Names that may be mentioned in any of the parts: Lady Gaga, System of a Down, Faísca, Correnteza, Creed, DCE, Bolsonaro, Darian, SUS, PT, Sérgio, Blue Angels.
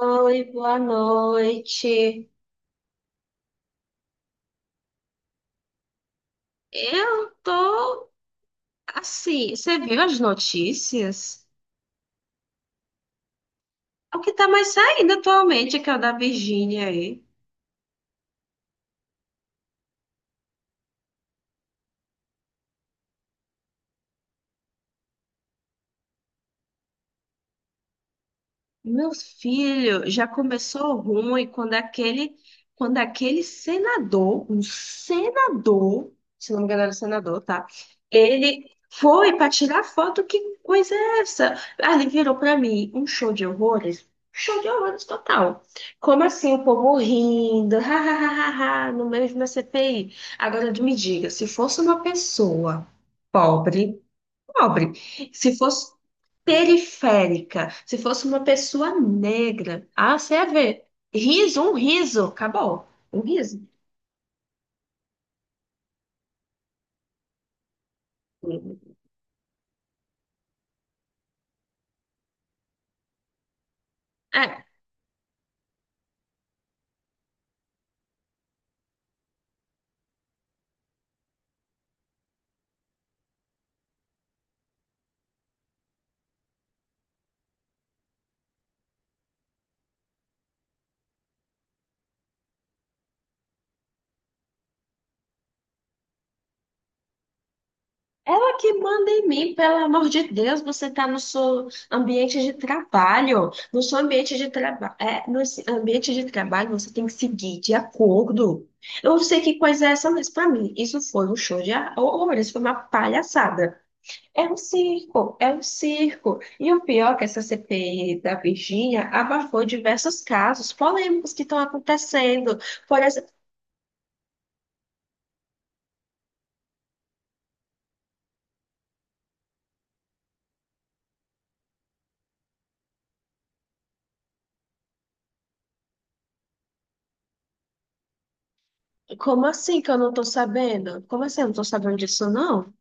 Oi, boa noite. Eu tô assim, você viu as notícias? O que tá mais saindo atualmente é que é o da Virgínia aí. Meu filho, já começou ruim quando aquele senador, um senador, se não me engano era senador, tá? Ele foi para tirar foto, que coisa é essa? Ah, ele virou para mim um show de horrores total. Como assim o povo rindo, ha, ha, ha, ha, ha, no meio de uma CPI? Agora me diga, se fosse uma pessoa pobre, pobre. Se fosse periférica, se fosse uma pessoa negra, ah, você ia ver. Riso, um riso, acabou. Um riso. É, ela que manda em mim, pelo amor de Deus, você está no seu ambiente de trabalho. No seu ambiente de trabalho, ambiente de trabalho você tem que seguir de acordo. Eu não sei que coisa é essa, mas para mim isso foi um show de horror, isso foi uma palhaçada. É um circo, é um circo. E o pior é que essa CPI da Virgínia abafou diversos casos polêmicos que estão acontecendo. Por exemplo, como assim que eu não estou sabendo? Como assim eu não estou sabendo disso, não?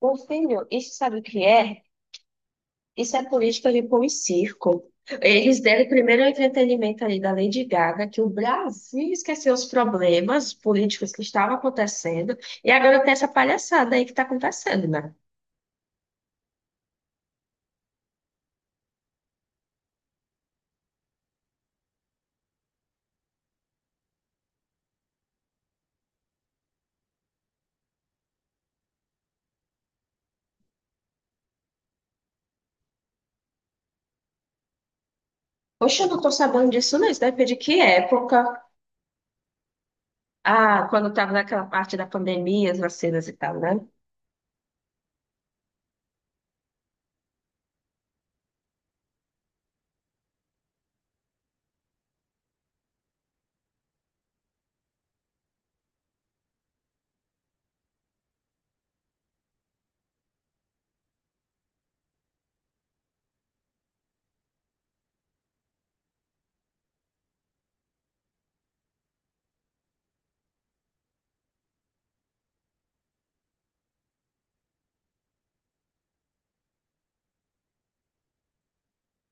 Meu filho, isso sabe o que é? Isso é política de pão e circo. Eles deram primeiro o entretenimento ali da Lady Gaga, que o Brasil esqueceu os problemas políticos que estavam acontecendo, e agora tem essa palhaçada aí que está acontecendo, né? Poxa, eu não tô sabendo disso, não. Isso deve de que época? Ah, quando tava naquela parte da pandemia, as vacinas e tal, né?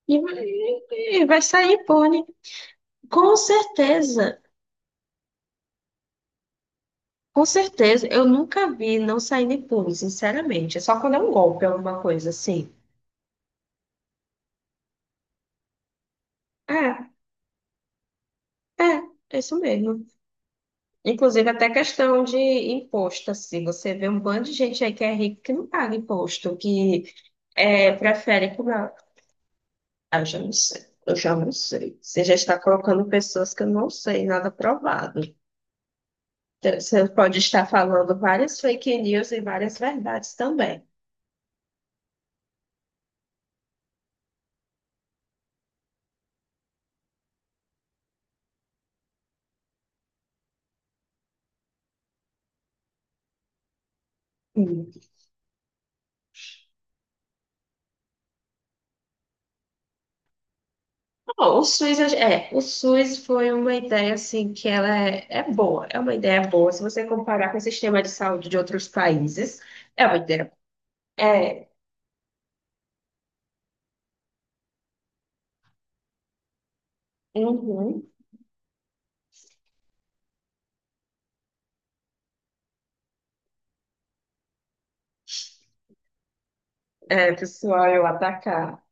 E vai, e vai sair pônei. Com certeza. Com certeza. Eu nunca vi não saindo pônei, sinceramente. É só quando é um golpe, alguma coisa assim. É, é, é isso mesmo. Inclusive, até questão de imposto, assim. Você vê um bando de gente aí que é rico que não paga imposto, que prefere. Ah, eu já não sei. Eu já não sei. Você já está colocando pessoas que eu não sei, nada provado. Então, você pode estar falando várias fake news e várias verdades também. Hum. Bom, o SUS, o SUS foi uma ideia assim que ela é boa, é uma ideia boa. Se você comparar com o sistema de saúde de outros países, é uma ideia. É, uhum, é, pessoal, eu atacar.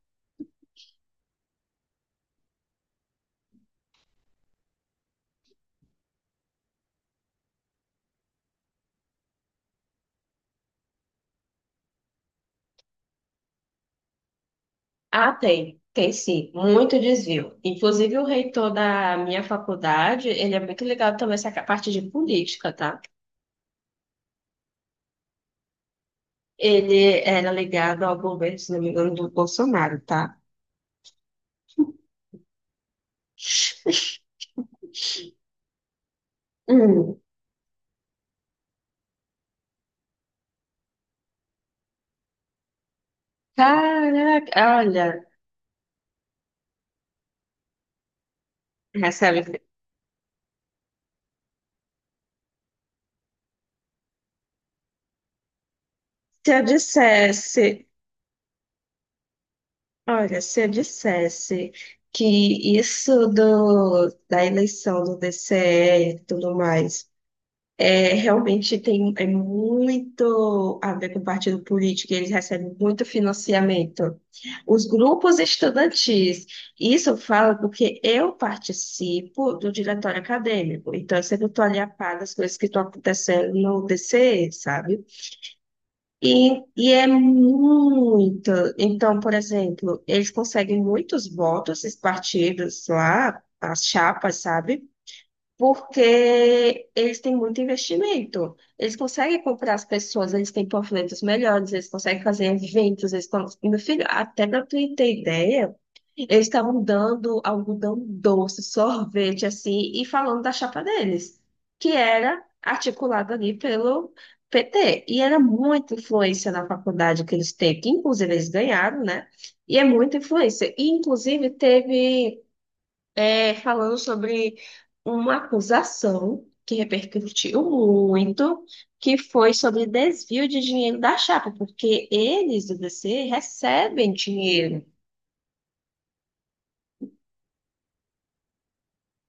Ah, tem, tem sim, muito desvio. Inclusive, o reitor da minha faculdade, ele é muito ligado também a essa parte de política, tá? Ele era ligado ao governo, se não me engano, do Bolsonaro, tá? Hum, caraca, olha, recebe. Se eu dissesse, olha, se eu dissesse que isso do, da eleição do DCE e tudo mais. É, realmente tem é muito a ver com o partido político, e eles recebem muito financiamento. Os grupos estudantis, isso eu falo porque eu participo do diretório acadêmico, então eu sempre estou ali a par das coisas que estão acontecendo no DCE, sabe? E é muito. Então, por exemplo, eles conseguem muitos votos, esses partidos lá, as chapas, sabe? Porque eles têm muito investimento. Eles conseguem comprar as pessoas, eles têm panfletos melhores, eles conseguem fazer eventos, eles estão... Meu filho, até para tu ter ideia, eles estavam dando algodão doce, sorvete, assim, e falando da chapa deles, que era articulada ali pelo PT. E era muita influência na faculdade que eles têm, que inclusive eles ganharam, né? E é muita influência. E, inclusive, teve falando sobre uma acusação que repercutiu muito, que foi sobre desvio de dinheiro da chapa, porque eles do DC recebem dinheiro.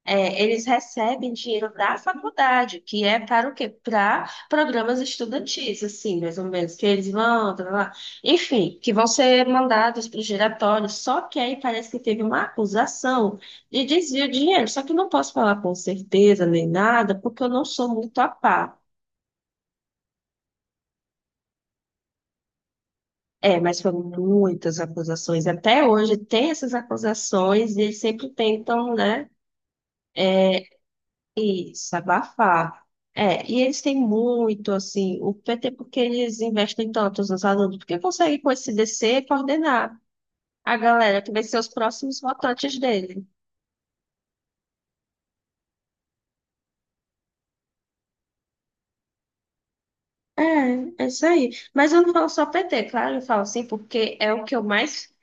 É, eles recebem dinheiro da faculdade, que é para o quê? Para programas estudantis, assim, mais ou menos, que eles vão, tá, tá, tá, enfim, que vão ser mandados para o giratório. Só que aí parece que teve uma acusação de desvio de dinheiro. Só que eu não posso falar com certeza nem nada, porque eu não sou muito a par. É, mas foram muitas acusações. Até hoje tem essas acusações e eles sempre tentam, né? Isso, abafar. É, e eles têm muito, assim, o PT, porque eles investem tanto nos alunos, porque conseguem com esse DC coordenar a galera que vai ser os próximos votantes dele. É, é isso aí. Mas eu não falo só PT, claro, eu falo assim, porque é o que eu mais,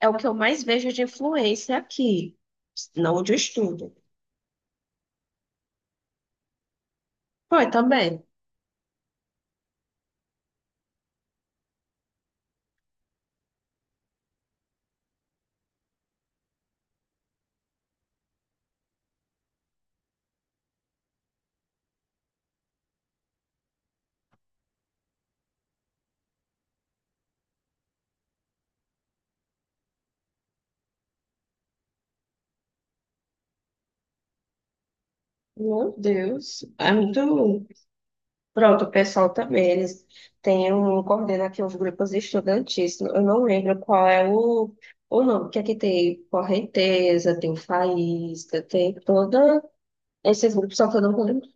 é o que eu mais vejo de influência aqui, não onde eu estudo. Foi também. Meu Deus, é muito. Pronto, o pessoal também, eles têm um, coordena aqui uns grupos estudantis. Eu não lembro qual é o nome, que aqui tem Correnteza, tem Faísca, tem toda... Esses grupos, só que eu não lembro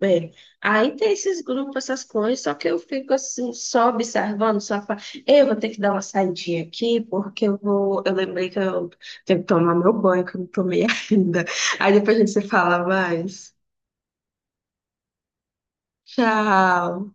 bem. Aí tem esses grupos, essas coisas, só que eu fico assim, só observando, eu vou ter que dar uma saidinha aqui, porque eu vou... Eu lembrei que eu tenho que tomar meu banho, que eu não tomei ainda. Aí depois a gente se fala mais. Tchau!